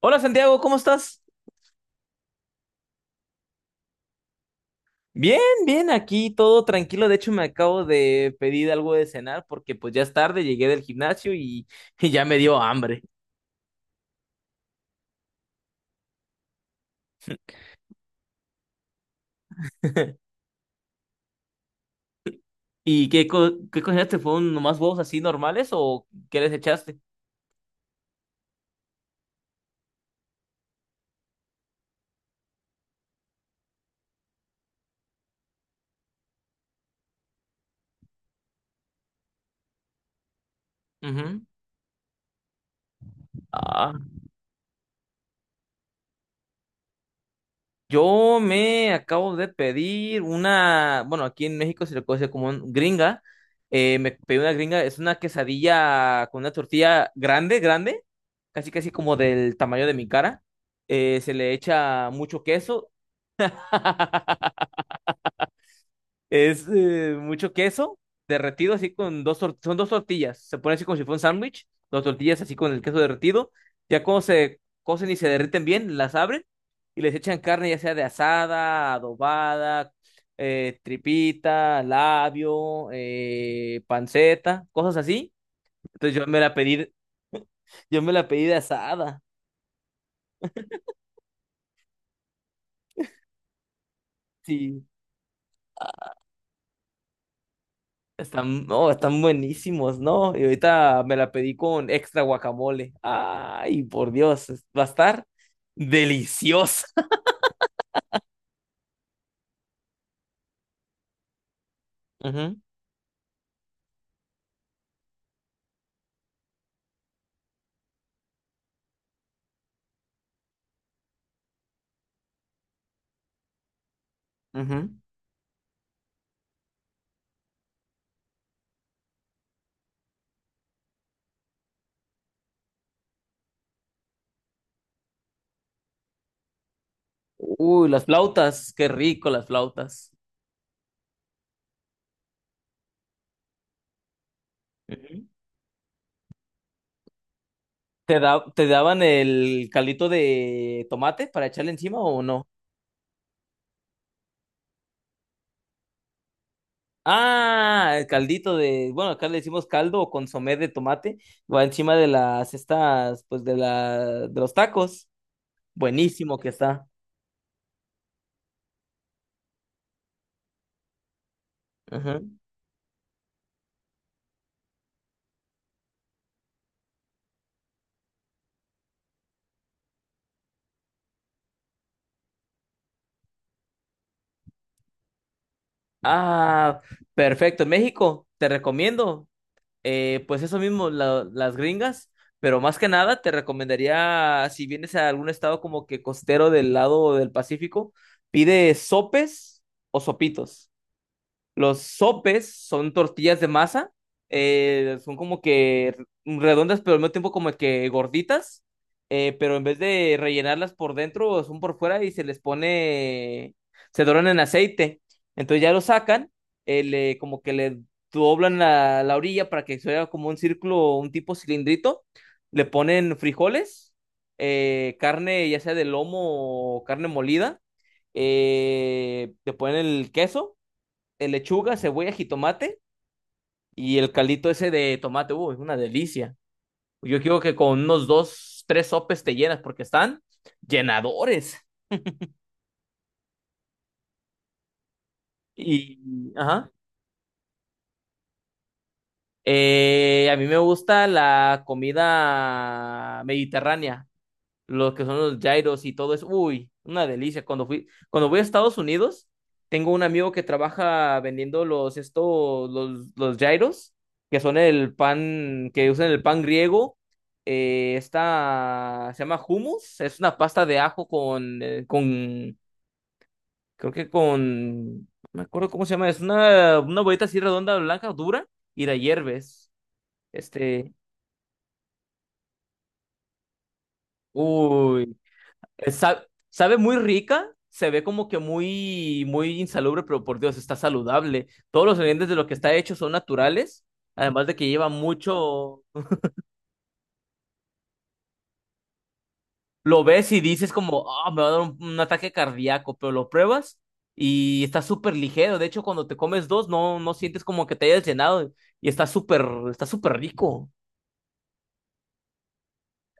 Hola Santiago, ¿cómo estás? Bien, bien, aquí todo tranquilo. De hecho, me acabo de pedir algo de cenar porque pues ya es tarde, llegué del gimnasio y, y ya me dio hambre. ¿Y qué, qué cocinaste? ¿Fueron nomás huevos así normales o qué les echaste? Ujú. Ah, Yo me acabo de pedir una, bueno, aquí en México se le conoce como un gringa. Me pedí una gringa, es una quesadilla con una tortilla grande, grande, casi casi como del tamaño de mi cara. Se le echa mucho queso. Es mucho queso derretido así con dos son dos tortillas. Se pone así como si fuera un sándwich, dos tortillas así con el queso derretido. Ya cuando se cocen y se derriten bien, las abren y les echan carne ya sea de asada, adobada, tripita, labio, panceta, cosas así. Entonces yo me la pedí, yo me la pedí de asada. Sí. Están, no, están buenísimos, ¿no? Y ahorita me la pedí con extra guacamole. Ay, por Dios, va a estar deliciosa. Ujú, ujú. Uy, las flautas, qué rico las flautas. Ujú. Te daban el caldito de tomate para echarle encima o no? Ah, el caldito de, bueno, acá le decimos caldo o consomé de tomate, va encima de las estas, pues de la, de los tacos. Buenísimo que está. Ujú. Ah, perfecto. México, te recomiendo. Eh, pues eso mismo, las gringas, pero más que nada te recomendaría, si vienes a algún estado como que costero del lado del Pacífico, pide sopes o sopitos. Los sopes son tortillas de masa, son como que redondas, pero al mismo tiempo como que gorditas, pero en vez de rellenarlas por dentro, son por fuera y se les pone, se doran en aceite. Entonces ya lo sacan, como que le doblan la, la orilla para que se vea como un círculo, un tipo cilindrito, le ponen frijoles, carne ya sea de lomo o carne molida, le ponen el queso de lechuga, cebolla, jitomate y el caldito ese de tomate. Uy, es una delicia. Yo creo que con unos dos, tres sopes te llenas porque están llenadores. Y, ajá. A mí me gusta la comida mediterránea. Los que son los gyros y todo eso. Uy, una delicia. Cuando fui, cuando voy a Estados Unidos, tengo un amigo que trabaja vendiendo los estos, los gyros, que son el pan, que usan el pan griego. Esta se llama hummus, es una pasta de ajo con, creo que con, no me acuerdo cómo se llama, es una bolita así redonda, blanca, dura, y la hierves. Este, uy, sabe muy rica, se ve como que muy, muy insalubre, pero por Dios, está saludable. Todos los ingredientes de lo que está hecho son naturales, además de que lleva mucho... Lo ves y dices como, ah, me va a dar un ataque cardíaco, pero lo pruebas y está súper ligero. De hecho, cuando te comes dos, no, no sientes como que te hayas llenado y está súper rico.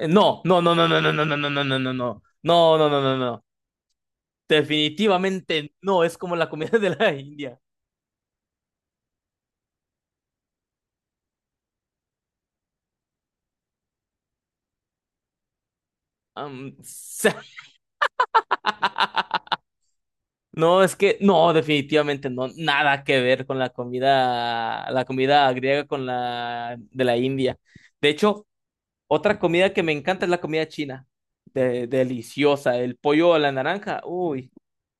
No, no, no, no, no, no, no, no, no, no, no, no, no, no, no, no, no, no. Definitivamente no es como la comida de la India. Am, no, es que no, definitivamente no, nada que ver con la comida griega con la de la India. De hecho, otra comida que me encanta es la comida china. Deliciosa, el pollo a la naranja, uy,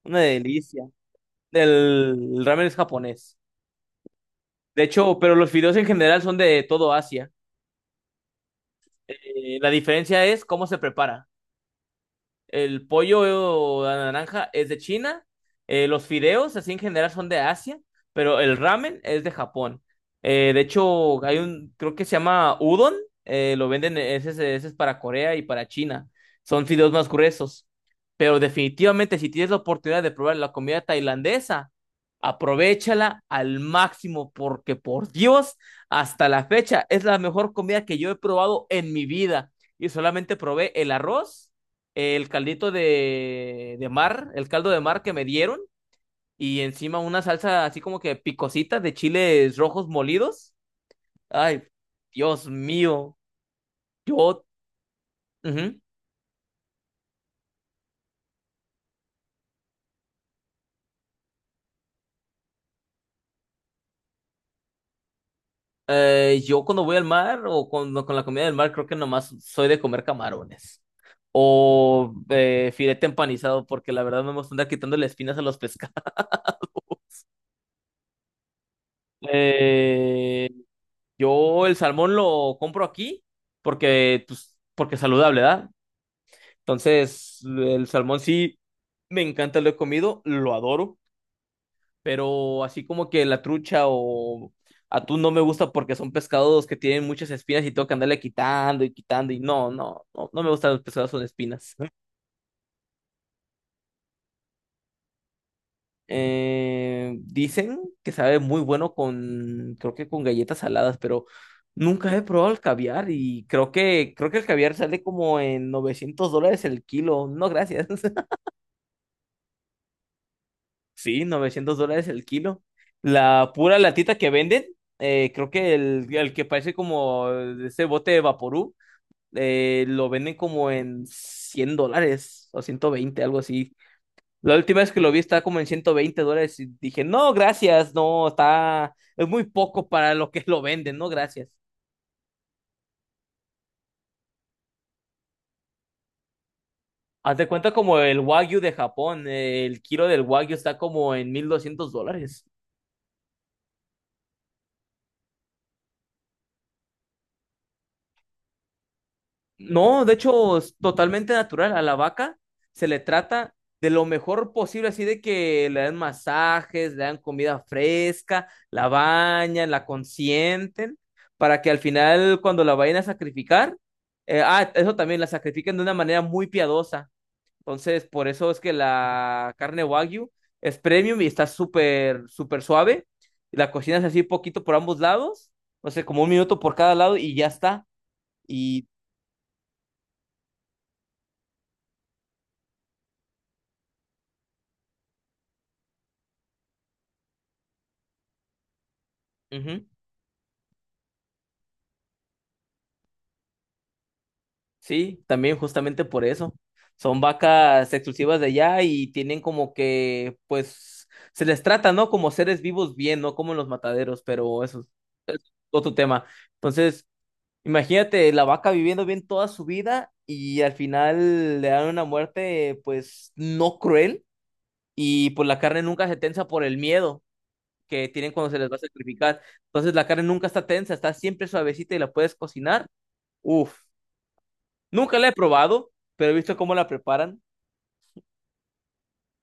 una delicia. El ramen es japonés. De hecho, pero los fideos en general son de todo Asia. La diferencia es cómo se prepara. El pollo a la naranja es de China. Eh, los fideos, así en general, son de Asia. Pero el ramen es de Japón. De hecho, hay un, creo que se llama udon. Eh, lo venden, e, ese, ese es para Corea y para China. Son fideos más gruesos. Pero definitivamente, si tienes la oportunidad de probar la comida tailandesa, aprovéchala al máximo, porque por Dios, hasta la fecha es la mejor comida que yo he probado en mi vida. Y solamente probé el arroz el caldito de mar, el caldo de mar que me dieron, y encima una salsa así como que picosita de chiles rojos molidos. Ay, Dios mío, yo, ujú. Yo cuando voy al mar o cuando, con la comida del mar, creo que nomás soy de comer camarones o filete empanizado, porque la verdad no me gusta andar quitándole espinas a los pescados. Eh, yo el salmón lo compro aquí porque, pues, porque es saludable, ¿verdad? Entonces, el salmón sí me encanta, lo he comido, lo adoro, pero así como que la trucha o atún no me gusta porque son pescados que tienen muchas espinas y tengo que andarle quitando y quitando y no, no, no, no me gustan los pescados con espinas. Dicen que sabe muy bueno con, creo que con galletas saladas, pero nunca he probado el caviar y creo que el caviar sale como en 900 dólares el kilo. No, gracias. Sí, 900 dólares el kilo. La pura latita que venden, creo que el que parece como ese bote de Vaporú, lo venden como en 100 dólares o 120, algo así. La última vez que lo vi estaba como en 120 dólares y dije, no, gracias, no, está, es muy poco para lo que lo venden, no, gracias. Haz de cuenta como el Wagyu de Japón, el kilo del Wagyu está como en 1.200 dólares. No, de hecho, es totalmente natural. A la vaca se le trata de lo mejor posible, así de que le dan masajes, le dan comida fresca, la bañan, la consienten, para que al final, cuando la vayan a sacrificar, eso también, la sacrifican de una manera muy piadosa. Entonces, por eso es que la carne Wagyu es premium y está súper, súper suave. La cocinas así poquito por ambos lados, no sé, como un minuto por cada lado y ya está. Y. Ujú. Sí, también justamente por eso. Son vacas exclusivas de allá y tienen como que, pues, se les trata, ¿no? Como seres vivos bien, no como en los mataderos, pero eso es otro tema. Entonces, imagínate la vaca viviendo bien toda su vida y al final le dan una muerte, pues, no cruel y pues la carne nunca se tensa por el miedo que tienen cuando se les va a sacrificar. Entonces, la carne nunca está tensa, está siempre suavecita y la puedes cocinar. Uf, nunca la he probado, pero he visto cómo la preparan.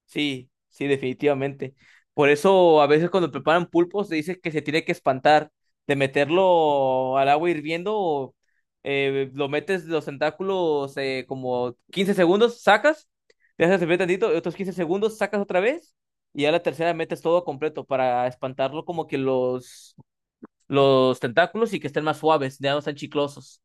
Sí, sí, definitivamente. Por eso a veces cuando preparan pulpos se dice que se tiene que espantar de meterlo al agua hirviendo, lo metes los tentáculos como 15 segundos, sacas, te haces servir tantito, y otros 15 segundos, sacas otra vez y ya la tercera metes todo completo para espantarlo como que los tentáculos y que estén más suaves, ya no están chiclosos.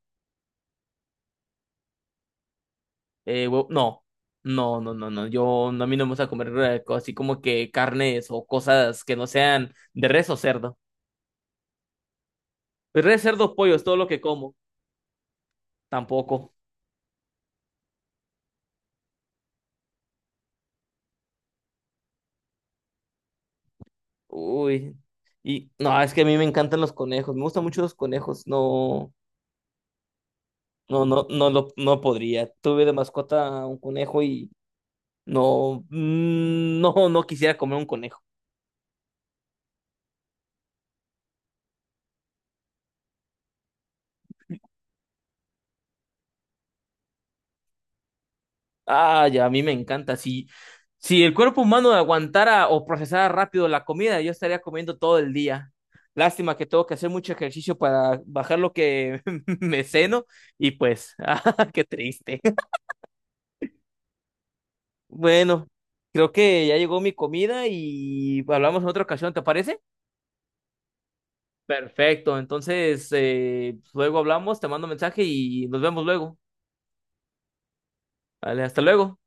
No, no, no, no, no. Yo no, a mí no me gusta comer así como que carnes o cosas que no sean de res o cerdo. Pues res, cerdo, pollo es todo lo que como. Tampoco. Uy. Y no, es que a mí me encantan los conejos. Me gustan mucho los conejos. No, no, no, no, no podría. Tuve de mascota un conejo y no, no, no quisiera comer un conejo. Ah, ya, a mí me encanta. Si, si el cuerpo humano aguantara o procesara rápido la comida, yo estaría comiendo todo el día. Lástima que tengo que hacer mucho ejercicio para bajar lo que me ceno y pues, ah, qué triste. Bueno, creo que ya llegó mi comida y hablamos en otra ocasión, ¿te parece? Perfecto, entonces luego hablamos, te mando mensaje y nos vemos luego. Vale, hasta luego.